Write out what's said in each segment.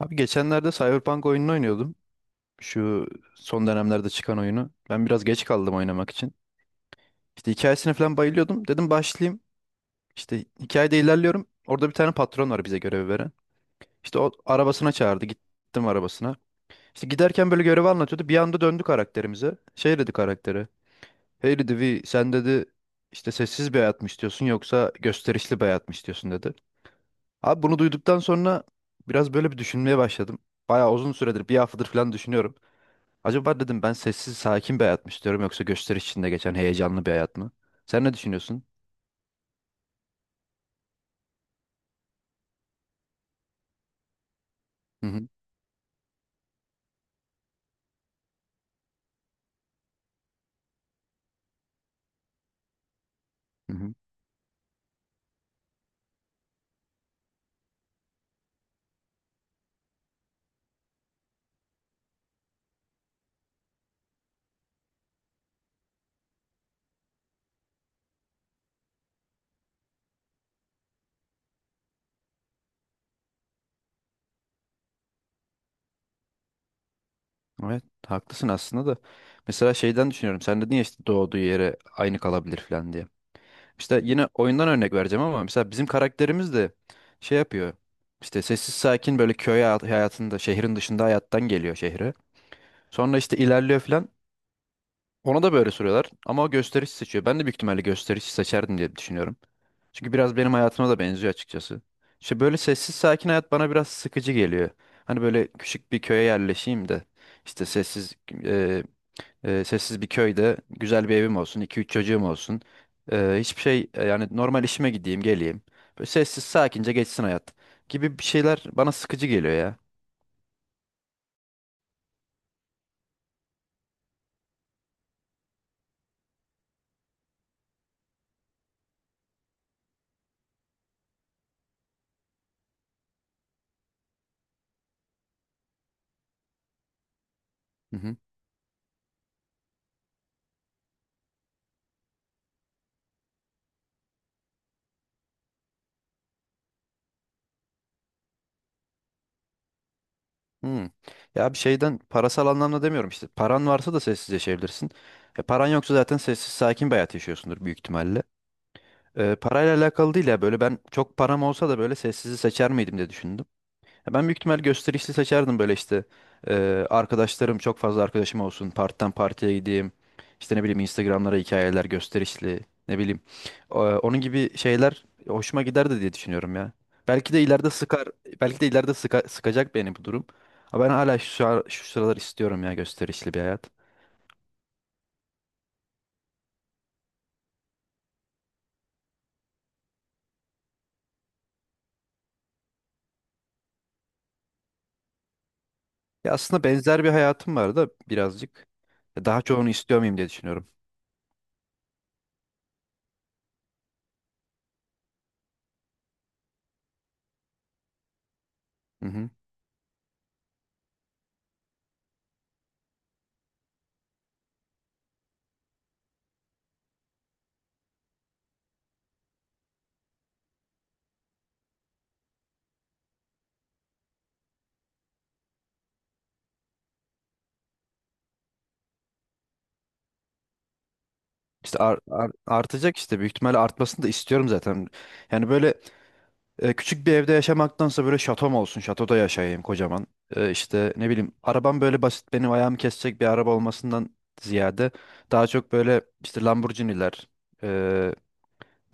Abi geçenlerde Cyberpunk oyununu oynuyordum. Şu son dönemlerde çıkan oyunu. Ben biraz geç kaldım oynamak için. İşte hikayesine falan bayılıyordum. Dedim başlayayım. İşte hikayede ilerliyorum. Orada bir tane patron var bize görevi veren. İşte o arabasına çağırdı. Gittim arabasına. İşte giderken böyle görevi anlatıyordu. Bir anda döndü karakterimize. Şey dedi karaktere. Hey dedi, "Vi, sen dedi işte sessiz bir hayat mı istiyorsun yoksa gösterişli bir hayat mı istiyorsun?" dedi. Abi bunu duyduktan sonra biraz böyle bir düşünmeye başladım. Bayağı uzun süredir bir haftadır falan düşünüyorum. Acaba dedim ben sessiz sakin bir hayat mı istiyorum yoksa gösteri içinde geçen heyecanlı bir hayat mı? Sen ne düşünüyorsun? Hı hı. Hı hı. Evet, haklısın aslında da. Mesela şeyden düşünüyorum. Sen dedin ya işte doğduğu yere aynı kalabilir falan diye. İşte yine oyundan örnek vereceğim ama mesela bizim karakterimiz de şey yapıyor. İşte sessiz sakin böyle köy hayatında şehrin dışında hayattan geliyor şehre. Sonra işte ilerliyor falan. Ona da böyle soruyorlar ama o gösterişi seçiyor. Ben de büyük ihtimalle gösterişi seçerdim diye düşünüyorum. Çünkü biraz benim hayatıma da benziyor açıkçası. İşte böyle sessiz sakin hayat bana biraz sıkıcı geliyor. Hani böyle küçük bir köye yerleşeyim de işte e, sessiz bir köyde güzel bir evim olsun, iki üç çocuğum olsun. Hiçbir şey yani normal işime gideyim, geleyim. Böyle sessiz sakince geçsin hayat gibi bir şeyler bana sıkıcı geliyor ya. Hı hı. Hmm. Ya bir şeyden parasal anlamda demiyorum işte. Paran varsa da sessiz yaşayabilirsin. Paran yoksa zaten sessiz sakin bir hayat yaşıyorsundur büyük ihtimalle. Parayla alakalı değil ya böyle ben çok param olsa da böyle sessizi seçer miydim diye düşündüm. Ya, ben büyük ihtimal gösterişli seçerdim böyle işte arkadaşlarım çok fazla arkadaşım olsun partiden partiye gideyim işte ne bileyim Instagram'lara hikayeler gösterişli ne bileyim onun gibi şeyler hoşuma giderdi diye düşünüyorum ya. Belki de ileride sıkar, belki de ileride sıkacak beni bu durum. Ama ben hala şu sıralar istiyorum ya gösterişli bir hayat. Ya aslında benzer bir hayatım var da birazcık daha çoğunu istiyor muyum diye düşünüyorum. Hı hı. İşte artacak, işte büyük ihtimalle artmasını da istiyorum zaten. Yani böyle küçük bir evde yaşamaktansa böyle şatom olsun. Şatoda yaşayayım kocaman. İşte ne bileyim arabam böyle basit benim ayağımı kesecek bir araba olmasından ziyade daha çok böyle işte Lamborghini'ler, e,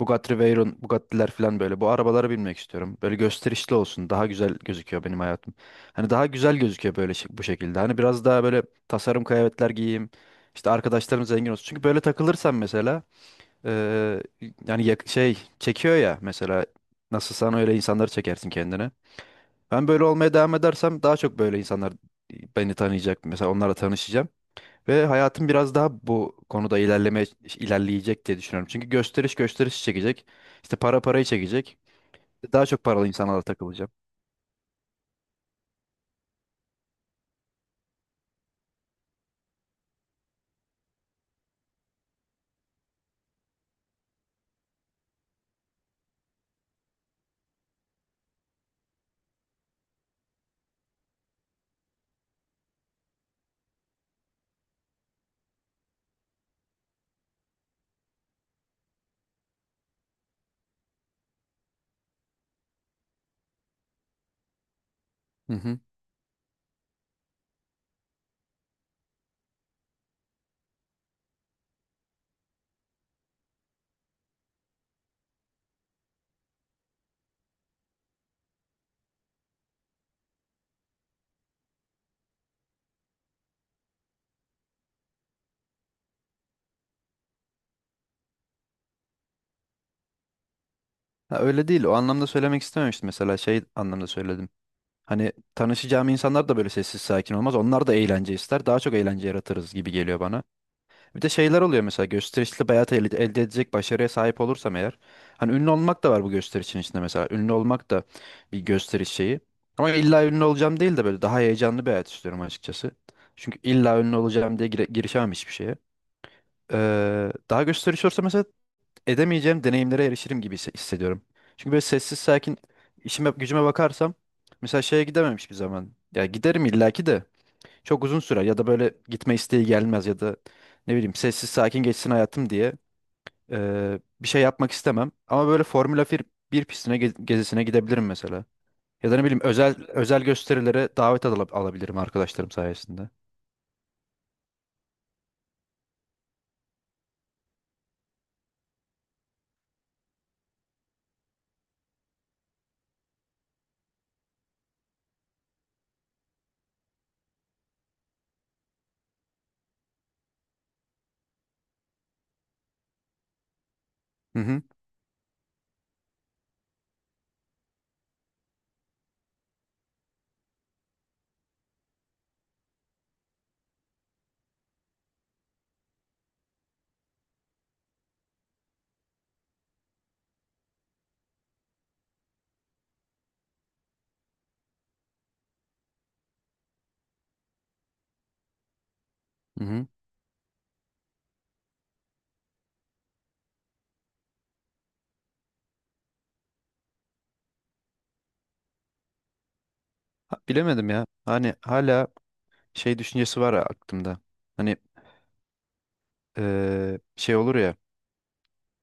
Bugatti Veyron, Bugatti'ler falan böyle bu arabalara binmek istiyorum. Böyle gösterişli olsun. Daha güzel gözüküyor benim hayatım. Hani daha güzel gözüküyor böyle bu şekilde. Hani biraz daha böyle tasarım kıyafetler giyeyim. İşte arkadaşlarım zengin olsun. Çünkü böyle takılırsam mesela ee, yani şey çekiyor ya, mesela nasıl sen öyle insanları çekersin kendine. Ben böyle olmaya devam edersem daha çok böyle insanlar beni tanıyacak. Mesela onlarla tanışacağım ve hayatım biraz daha bu konuda ilerleyecek diye düşünüyorum. Çünkü gösteriş gösteriş çekecek. İşte para parayı çekecek. Daha çok paralı insanlarla takılacağım. Hı hı. Ha, öyle değil. O anlamda söylemek istememiştim. Mesela şey anlamda söyledim. Hani tanışacağım insanlar da böyle sessiz sakin olmaz. Onlar da eğlence ister. Daha çok eğlence yaratırız gibi geliyor bana. Bir de şeyler oluyor mesela gösterişli bir hayat elde edecek başarıya sahip olursam eğer. Hani ünlü olmak da var bu gösterişin içinde mesela. Ünlü olmak da bir gösteriş şeyi. Ama illa ünlü olacağım değil de böyle daha heyecanlı bir hayat istiyorum açıkçası. Çünkü illa ünlü olacağım diye girişemem hiçbir şeye. Daha gösteriş olursa mesela edemeyeceğim deneyimlere erişirim gibi hissediyorum. Çünkü böyle sessiz sakin işime gücüme bakarsam mesela şeye gidemem hiçbir zaman. Ya giderim illaki de çok uzun sürer ya da böyle gitme isteği gelmez ya da ne bileyim sessiz sakin geçsin hayatım diye bir şey yapmak istemem. Ama böyle Formula 1 bir pistine gezisine gidebilirim mesela. Ya da ne bileyim özel özel gösterilere davet alabilirim arkadaşlarım sayesinde. Hı hı. Hı hı. Ha, bilemedim ya. Hani hala şey düşüncesi var aklımda. Hani şey olur ya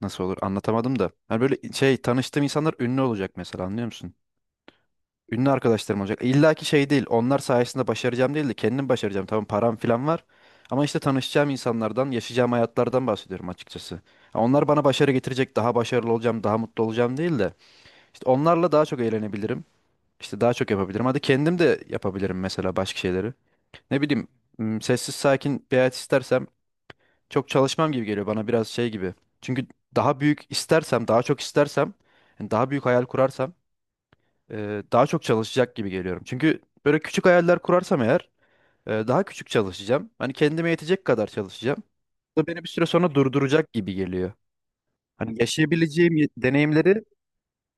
nasıl olur anlatamadım da. Hani böyle şey tanıştığım insanlar ünlü olacak mesela, anlıyor musun? Ünlü arkadaşlarım olacak. İlla ki şey değil. Onlar sayesinde başaracağım değil de kendim başaracağım. Tamam, param falan var. Ama işte tanışacağım insanlardan, yaşayacağım hayatlardan bahsediyorum açıkçası. Ha, onlar bana başarı getirecek, daha başarılı olacağım, daha mutlu olacağım değil de işte onlarla daha çok eğlenebilirim. İşte daha çok yapabilirim. Hadi, kendim de yapabilirim mesela başka şeyleri. Ne bileyim, sessiz sakin bir hayat istersem çok çalışmam gibi geliyor bana biraz şey gibi. Çünkü daha büyük istersem, daha çok istersem, yani daha büyük hayal kurarsam daha çok çalışacak gibi geliyorum. Çünkü böyle küçük hayaller kurarsam eğer daha küçük çalışacağım. Hani kendime yetecek kadar çalışacağım. Bu da beni bir süre sonra durduracak gibi geliyor. Hani yaşayabileceğim deneyimleri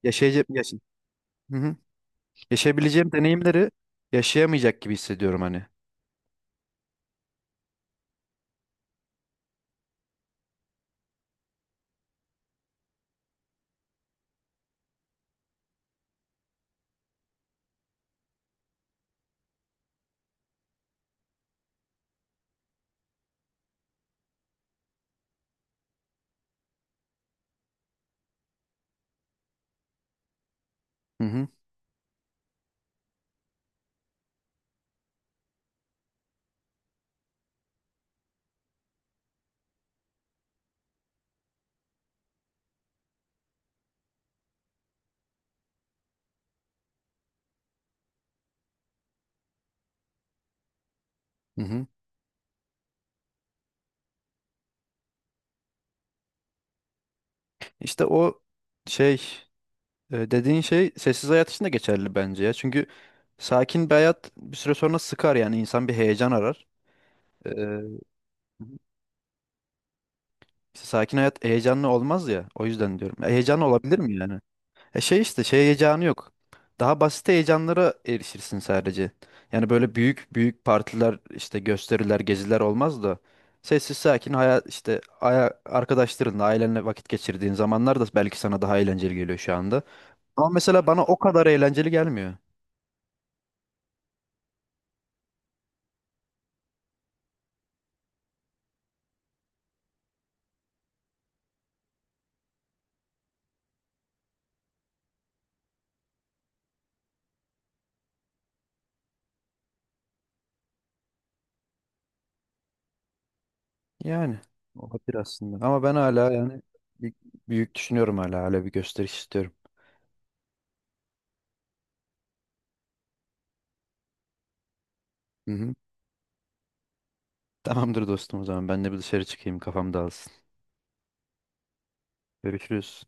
yaşayacak yaşa Hı hı. Yaşayabileceğim deneyimleri yaşayamayacak gibi hissediyorum hani. Hı hı. Hı hı. İşte o şey, dediğin şey sessiz hayat için de geçerli bence ya. Çünkü sakin bir hayat bir süre sonra sıkar, yani insan bir heyecan arar. İşte sakin hayat heyecanlı olmaz ya. O yüzden diyorum. E, heyecanlı olabilir mi yani? E şey işte şey heyecanı yok. Daha basit heyecanlara erişirsin sadece. Yani böyle büyük büyük partiler işte gösteriler geziler olmaz da. Sessiz sakin hayat işte arkadaşlarınla ailenle vakit geçirdiğin zamanlar da belki sana daha eğlenceli geliyor şu anda. Ama mesela bana o kadar eğlenceli gelmiyor. Yani olabilir aslında. Ama ben hala yani bir- büyük düşünüyorum, hala bir gösteriş istiyorum. Hı hı. Tamamdır dostum, o zaman ben de bir dışarı çıkayım kafam dağılsın. Görüşürüz.